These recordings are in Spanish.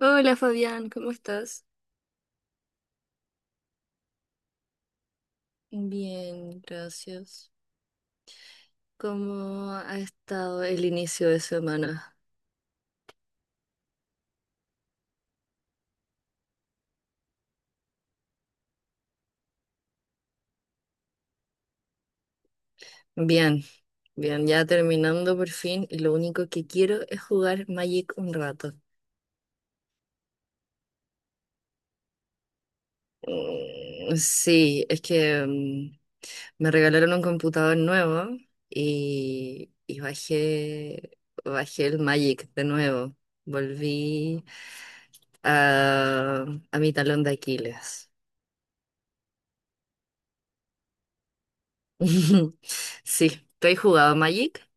Hola Fabián, ¿cómo estás? Bien, gracias. ¿Cómo ha estado el inicio de semana? Bien, bien, ya terminando por fin y lo único que quiero es jugar Magic un rato. Sí, es que me regalaron un computador nuevo y bajé el Magic de nuevo. Volví a, a mi talón de Aquiles. Sí, tú has jugado Magic.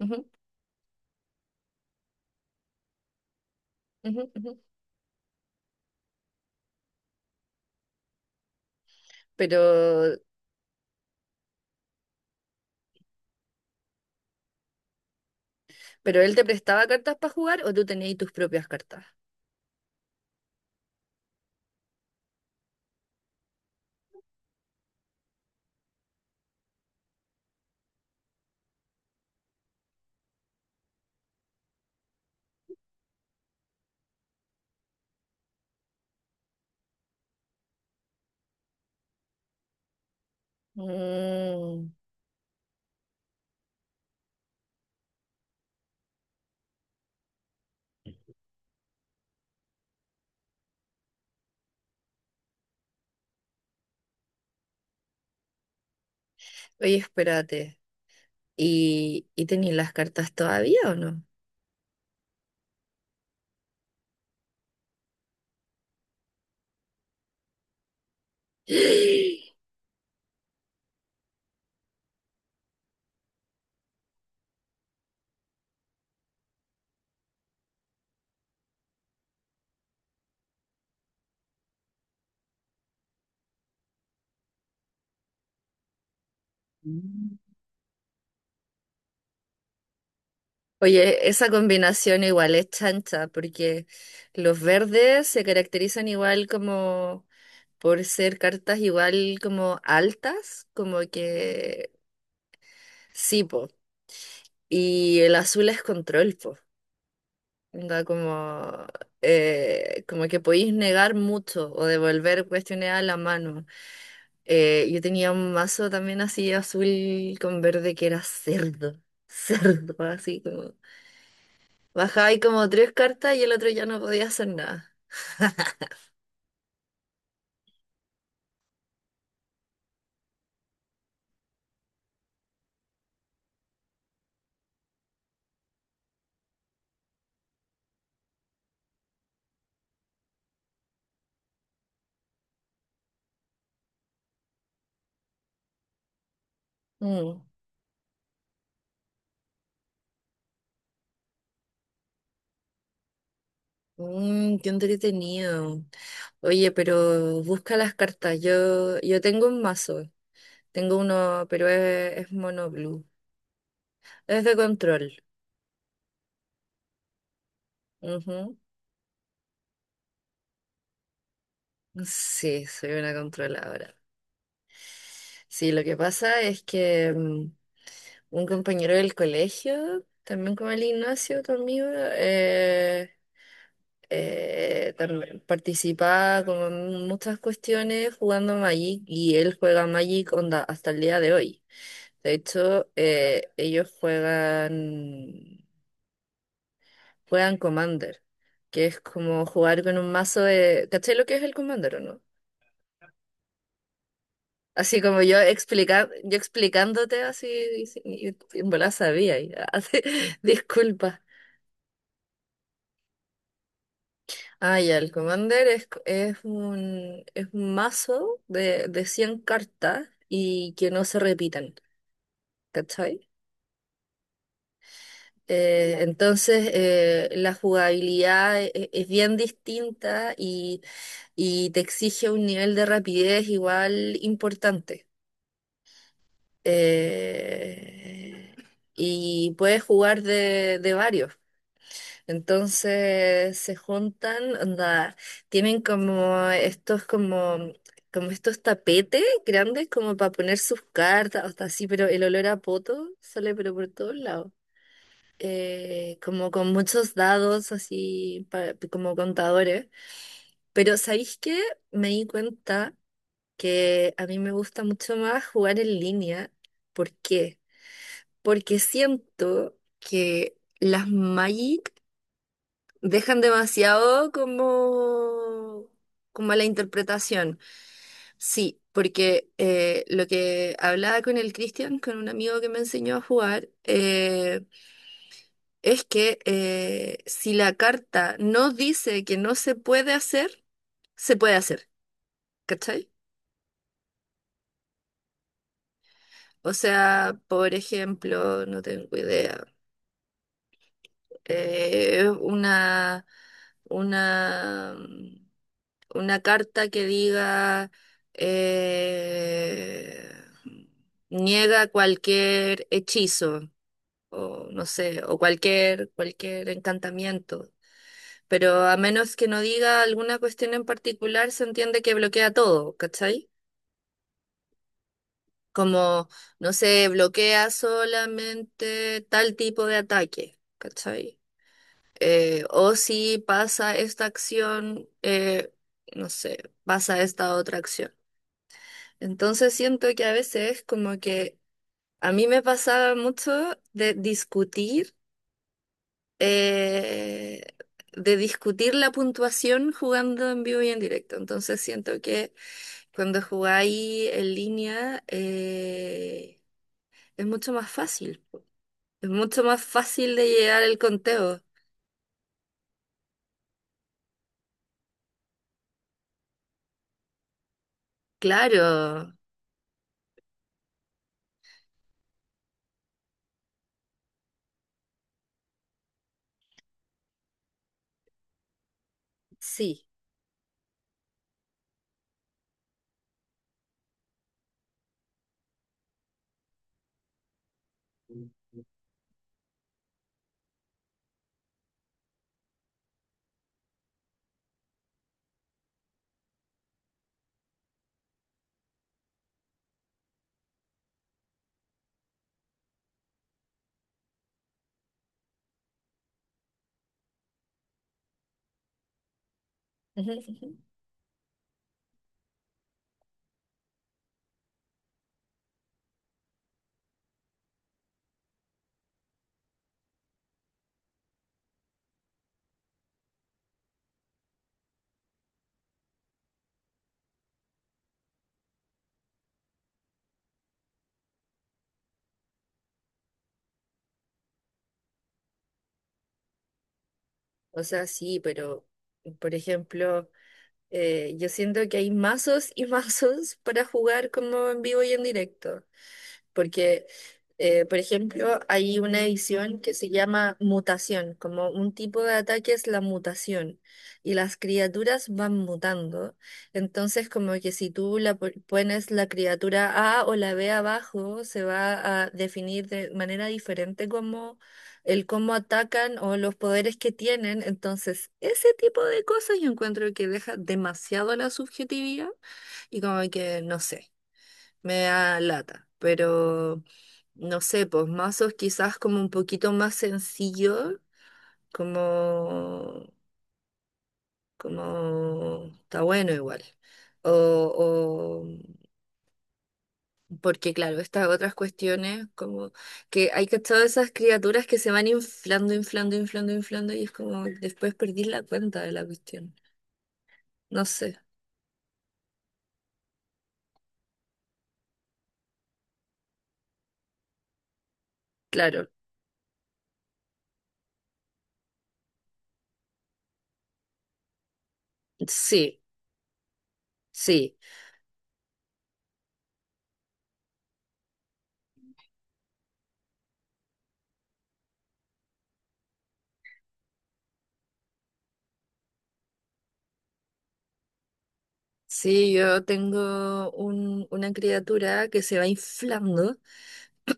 Ujú, ujú. Pero, pero él te prestaba cartas para jugar o tú tenías tus propias cartas. Mm. Oye, espérate. ¿ y tenías las cartas todavía o no? Mm. Oye, esa combinación igual es chancha, porque los verdes se caracterizan igual como por ser cartas igual como altas, como que sí, po. Y el azul es control, po. Onda como, como que podéis negar mucho o devolver cuestiones a la mano. Yo tenía un mazo también así azul con verde que era cerdo. Cerdo, así como, bajaba y como tres cartas y el otro ya no podía hacer nada. Mm. Mm, qué entretenido. Oye, pero busca las cartas. Yo tengo un mazo. Tengo uno, pero es mono blue. Es de control. Ujú. Sí, soy una controladora. Sí, lo que pasa es que un compañero del colegio, también como el Ignacio, tu amigo, también participaba como en muchas cuestiones jugando Magic y él juega Magic onda hasta el día de hoy. De hecho, ellos juegan Commander, que es como jugar con un mazo de... ¿Cachai lo que es el Commander o no? Así como yo yo explicándote así, y, si, y en volada sabía. Ah, sí, disculpa. Ah, ya, el Commander es un mazo de 100 cartas y que no se repitan, ¿cachai? Entonces, la jugabilidad es bien distinta y te exige un nivel de rapidez igual importante. Eh, y puedes jugar de varios. Entonces se juntan, onda, tienen como estos como como estos tapetes grandes como para poner sus cartas, hasta así, pero el olor a poto sale pero por todos lados. Como con muchos dados así como contadores. Pero ¿sabéis qué? Me di cuenta que a mí me gusta mucho más jugar en línea. ¿Por qué? Porque siento que las Magic dejan demasiado como, como a la interpretación. Sí, porque lo que hablaba con el Cristian, con un amigo que me enseñó a jugar, es que si la carta no dice que no se puede hacer, se puede hacer, ¿cachai? O sea, por ejemplo, no tengo idea. Es una, mm, una carta que diga eh, niega cualquier hechizo o no sé, o cualquier encantamiento. Pero a menos que no diga alguna cuestión en particular, se entiende que bloquea todo, ¿cachai? Como, no sé, bloquea solamente tal tipo de ataque, ¿cachai? O si pasa esta acción, no sé, pasa esta otra acción. Entonces siento que a veces como que a mí me pasaba mucho de eh, de discutir la puntuación jugando en vivo y en directo. Entonces siento que cuando jugáis en línea es mucho más fácil. Es mucho más fácil de llegar al conteo. Claro, sí. O sea, sí, pero por ejemplo, yo siento que hay mazos y mazos para jugar como en vivo y en directo porque, por ejemplo, hay una edición que se llama mutación, como un tipo de ataque es la mutación, y las criaturas van mutando. Entonces, como que si tú la pones la criatura A o la B abajo, se va a definir de manera diferente como el cómo atacan o los poderes que tienen. Entonces, ese tipo de cosas yo encuentro que deja demasiado la subjetividad y como que, no sé, me da lata, pero no sé, pues mazos quizás como un poquito más sencillo, como, como está bueno igual. O, o- porque claro, estas otras cuestiones, como que hay cachado esas criaturas que se van inflando, y es como después perdí la cuenta de la cuestión. No sé, claro, sí, sí. Sí, una criatura que se va inflando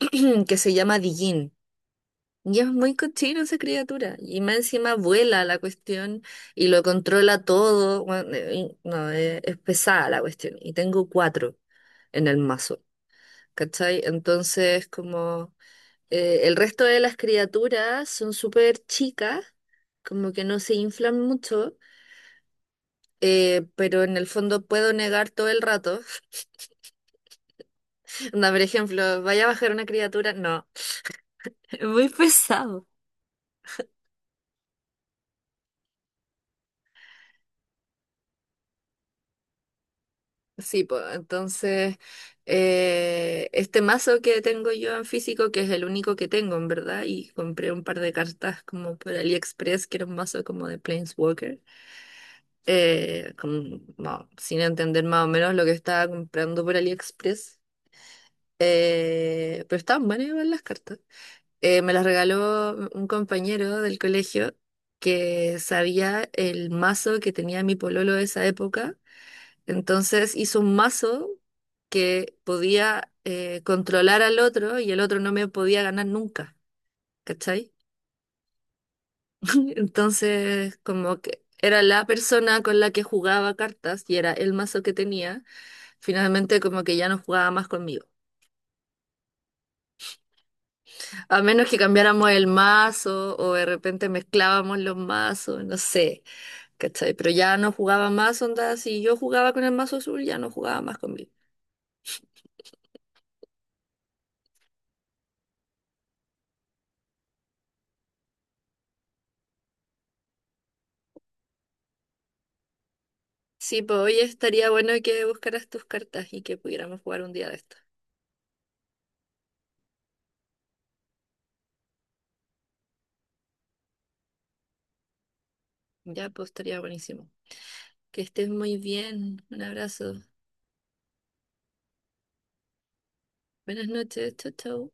que se llama Dijin. Y es muy cochino esa criatura. Y más encima vuela la cuestión y lo controla todo. Bueno, y- no, es pesada la cuestión. Y tengo cuatro en el mazo. ¿Cachai? Entonces, como el resto de las criaturas son súper chicas, como que no se inflan mucho, pero en el fondo puedo negar todo el rato. Onda, por ejemplo, vaya a bajar una criatura, no, es muy pesado. Sí, pues entonces este mazo que tengo yo en físico, que es el único que tengo en verdad, y compré un par de cartas como por AliExpress, que era un mazo como de Planeswalker, como, no, sin entender más o menos lo que estaba comprando por AliExpress, pero estaban buenas igual las cartas. Me las regaló un compañero del colegio que sabía el mazo que tenía mi pololo de esa época, entonces hizo un mazo que podía controlar al otro y el otro no me podía ganar nunca, ¿cachai? Entonces, como que era la persona con la que jugaba cartas y era el mazo que tenía, finalmente como que ya no jugaba más conmigo. A menos que cambiáramos el mazo o de repente mezclábamos los mazos, no sé, ¿cachai? Pero ya no jugaba más, onda, si yo jugaba con el mazo azul, ya no jugaba más conmigo. Sí, pues hoy estaría bueno que buscaras tus cartas y que pudiéramos jugar un día de esto. Ya, pues estaría buenísimo. Que estés muy bien. Un abrazo. Buenas noches. Chau, chau.